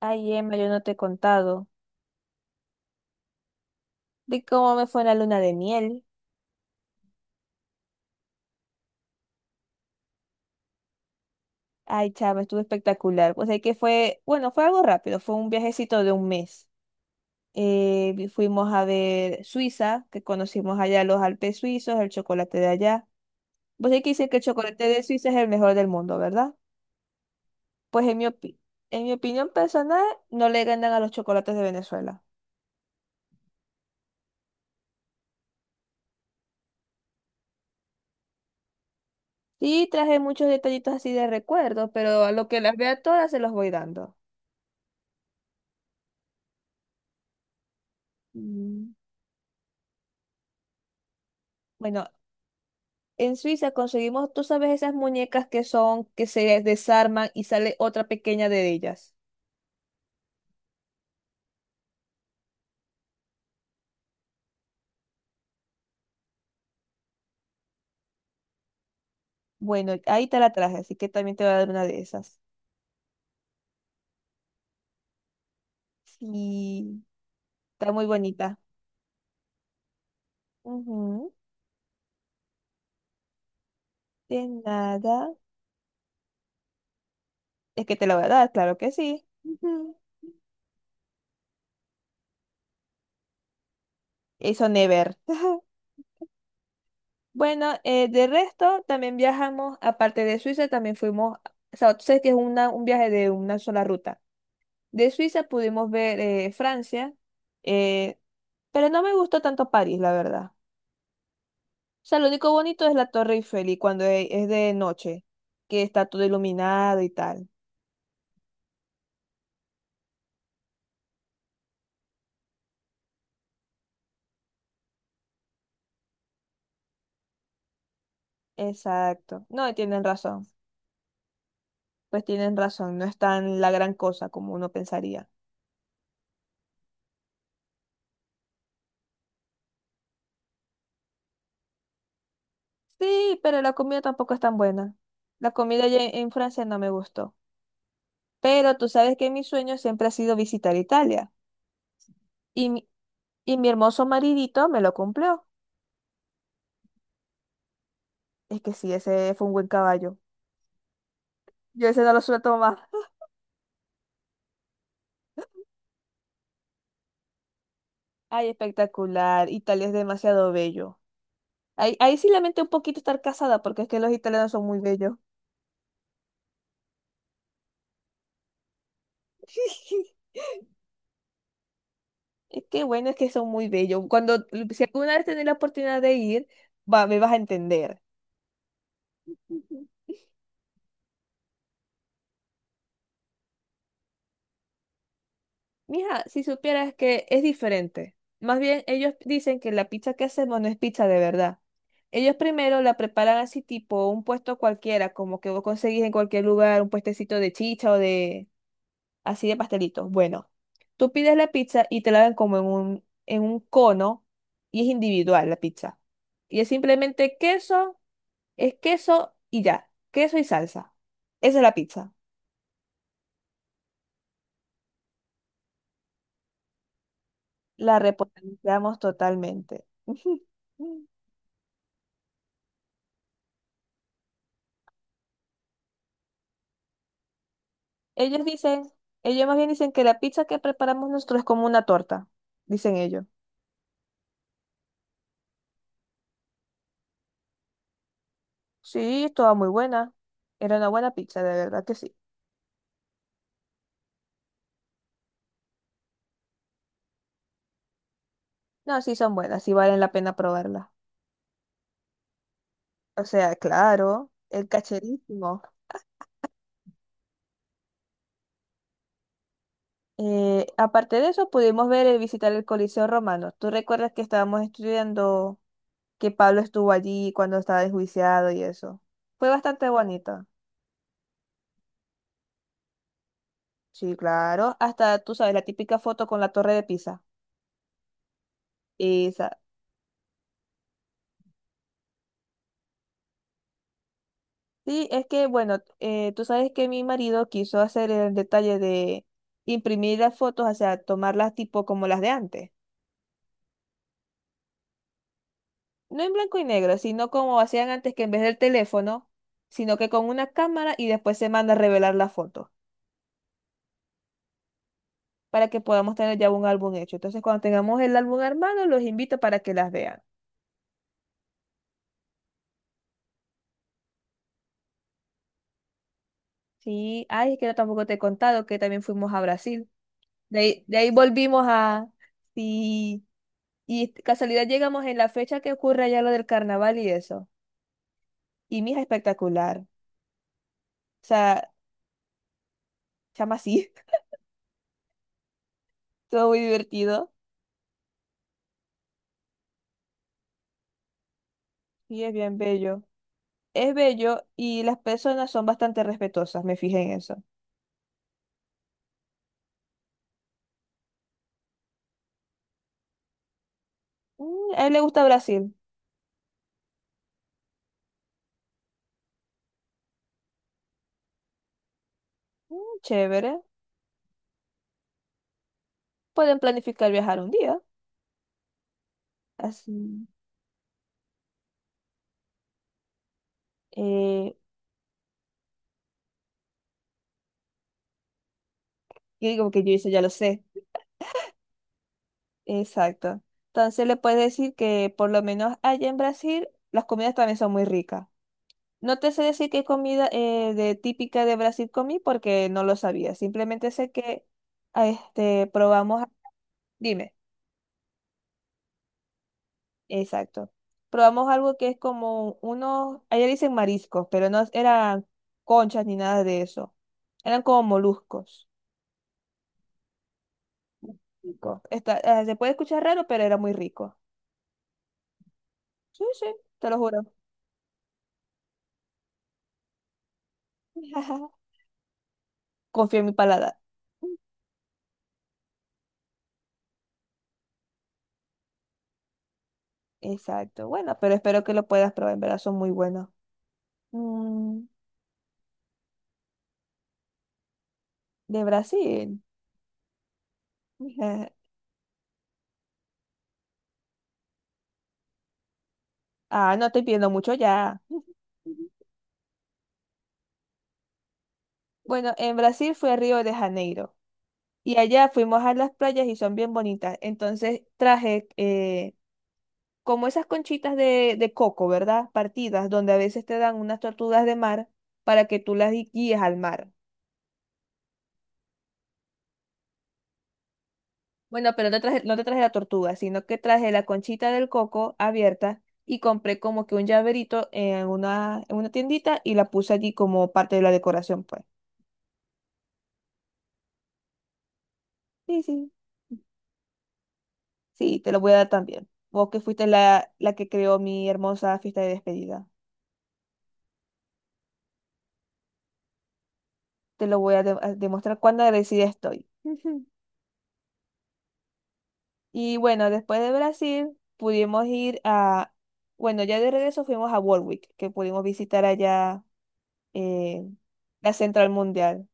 Ay, Emma, yo no te he contado de cómo me fue en la luna de miel. Ay, chama, estuvo espectacular. Pues es que fue, bueno, fue algo rápido, fue un viajecito de un mes. Fuimos a ver Suiza, que conocimos allá los Alpes suizos, el chocolate de allá. Pues es que dicen que el chocolate de Suiza es el mejor del mundo, ¿verdad? Pues en mi opinión personal, no le ganan a los chocolates de Venezuela. Sí, traje muchos detallitos así de recuerdo, pero a lo que las vea todas se los voy dando. Mm. Bueno, en Suiza conseguimos, tú sabes, esas muñecas que son, que se desarman y sale otra pequeña de ellas. Bueno, ahí te la traje, así que también te voy a dar una de esas. Sí, está muy bonita. Ujú. De nada. Es que te la voy a dar, claro que sí. Ujú. Eso never. Bueno, de resto, también viajamos, aparte de Suiza, también fuimos, o sea, tú sabes que es un viaje de una sola ruta. De Suiza pudimos ver Francia, eh, pero no me gustó tanto París, la verdad. O sea, lo único bonito es la Torre Eiffel y es de noche, que está todo iluminado y tal. Exacto. No, tienen razón. Pues tienen razón, no es tan la gran cosa como uno pensaría. Sí, pero la comida tampoco es tan buena. La comida allá en Francia no me gustó. Pero tú sabes que mi sueño siempre ha sido visitar Italia. Y mi, y mi hermoso maridito me lo cumplió. Es que sí, ese fue un buen caballo. Yo ese no lo suelto más. Ay, espectacular. Italia es demasiado bello. Ahí sí lamento un poquito estar casada porque es que los italianos son muy bellos. Es que bueno, es que son muy bellos. Si alguna vez tenés la oportunidad de ir, va, me vas a entender. Ujú. Mija, si supieras que es diferente. Más bien, ellos dicen que la pizza que hacemos no es pizza de verdad. Ellos primero la preparan así tipo un puesto cualquiera, como que vos conseguís en cualquier lugar, un puestecito de chicha o de así de pastelitos. Bueno, tú pides la pizza y te la dan como en un cono y es individual la pizza. Y es simplemente queso, es queso y ya, queso y salsa. Esa es la pizza. La repotenciamos totalmente. Ellos dicen, ellos más bien dicen que la pizza que preparamos nosotros es como una torta, dicen ellos. Sí, estaba muy buena. Era una buena pizza, de verdad que sí. No, sí son buenas, sí valen la pena probarla. O sea, claro, el cacherísimo. Aparte de eso, pudimos ver y visitar el Coliseo Romano. ¿Tú recuerdas que estábamos estudiando que Pablo estuvo allí cuando estaba enjuiciado y eso? Fue bastante bonito. Sí, claro. Hasta, tú sabes, la típica foto con la Torre de Pisa. Esa. Sí, es que, bueno, tú sabes que mi marido quiso hacer el detalle de imprimir las fotos, o sea, tomarlas tipo como las de antes. No en blanco y negro, sino como hacían antes que en vez del teléfono, sino que con una cámara y después se manda a revelar la foto para que podamos tener ya un álbum hecho. Entonces, cuando tengamos el álbum armado, los invito para que las vean. Sí, ay, es que yo tampoco te he contado que también fuimos a Brasil. De ahí volvimos a... Sí, y casualidad llegamos en la fecha que ocurre allá lo del carnaval y eso. Y mija, espectacular. O sea, chama así, todo muy divertido y es bien bello. Es bello y las personas son bastante respetuosas, me fijé en eso. Mm, a él le gusta Brasil. Mm, chévere. Pueden planificar viajar un día. Así. Eh, y digo que yo eso ya lo sé. Exacto. Entonces le puedes decir que por lo menos allá en Brasil las comidas también son muy ricas. No te sé decir qué comida de típica de Brasil comí porque no lo sabía. Simplemente sé que probamos. Dime. Exacto. Probamos algo que es como unos, allá dicen mariscos, pero no eran conchas ni nada de eso. Eran como moluscos. Rico. Se puede escuchar raro, pero era muy rico. Sí, sí, te lo juro. Confío en mi paladar. Exacto. Bueno, pero espero que lo puedas probar. En verdad son muy buenos. Mm, de Brasil. Ah, no estoy pidiendo mucho ya. Bueno, en Brasil fue Río de Janeiro. Y allá fuimos a las playas y son bien bonitas. Entonces traje como esas conchitas de coco, ¿verdad? Partidas, donde a veces te dan unas tortugas de mar para que tú guíes al mar. Bueno, pero no traje, no te traje la tortuga, sino que traje la conchita del coco abierta y compré como que un llaverito en una tiendita y la puse allí como parte de la decoración, pues. Sí, sí. Sí, te lo voy a dar también. Vos que fuiste la que creó mi hermosa fiesta de despedida. Te lo voy a demostrar cuán agradecida estoy. Y bueno, después de Brasil pudimos bueno, ya de regreso fuimos a Warwick, que pudimos visitar allá eh, la Central Mundial,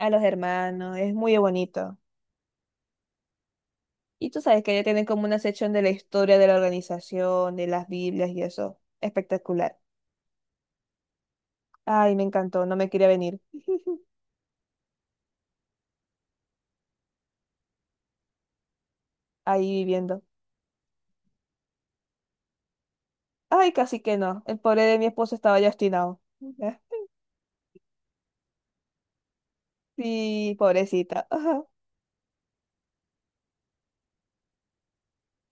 a los hermanos, es muy bonito. Y tú sabes que allá tienen como una sección de la historia de la organización, de las Biblias y eso, espectacular. Ay, me encantó, no me quería venir ahí viviendo. Ay, casi que no, el pobre de mi esposo estaba ya obstinado. Sí, pobrecita.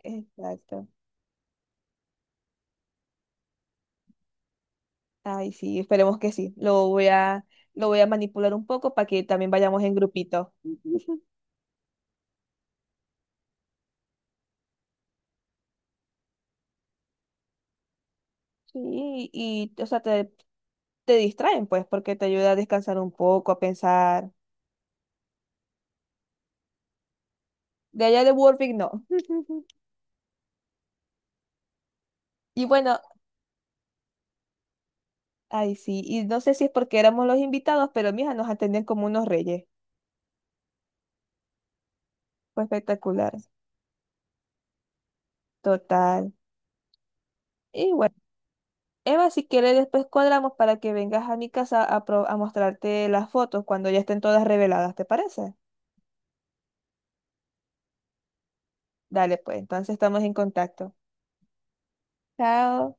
Exacto. Ay, sí, esperemos que sí. Lo voy a manipular un poco para que también vayamos en grupito. Ujú. Sí, te distraen, pues, porque te ayuda a descansar un poco, a pensar. De allá de Warwick, no. Y bueno, ay, sí, y no sé si es porque éramos los invitados, pero mija, nos atendían como unos reyes. Fue espectacular. Total. Y bueno, Eva, si quieres, después cuadramos para que vengas a mi casa a mostrarte las fotos cuando ya estén todas reveladas, ¿te parece? Dale, pues, entonces estamos en contacto. Chao.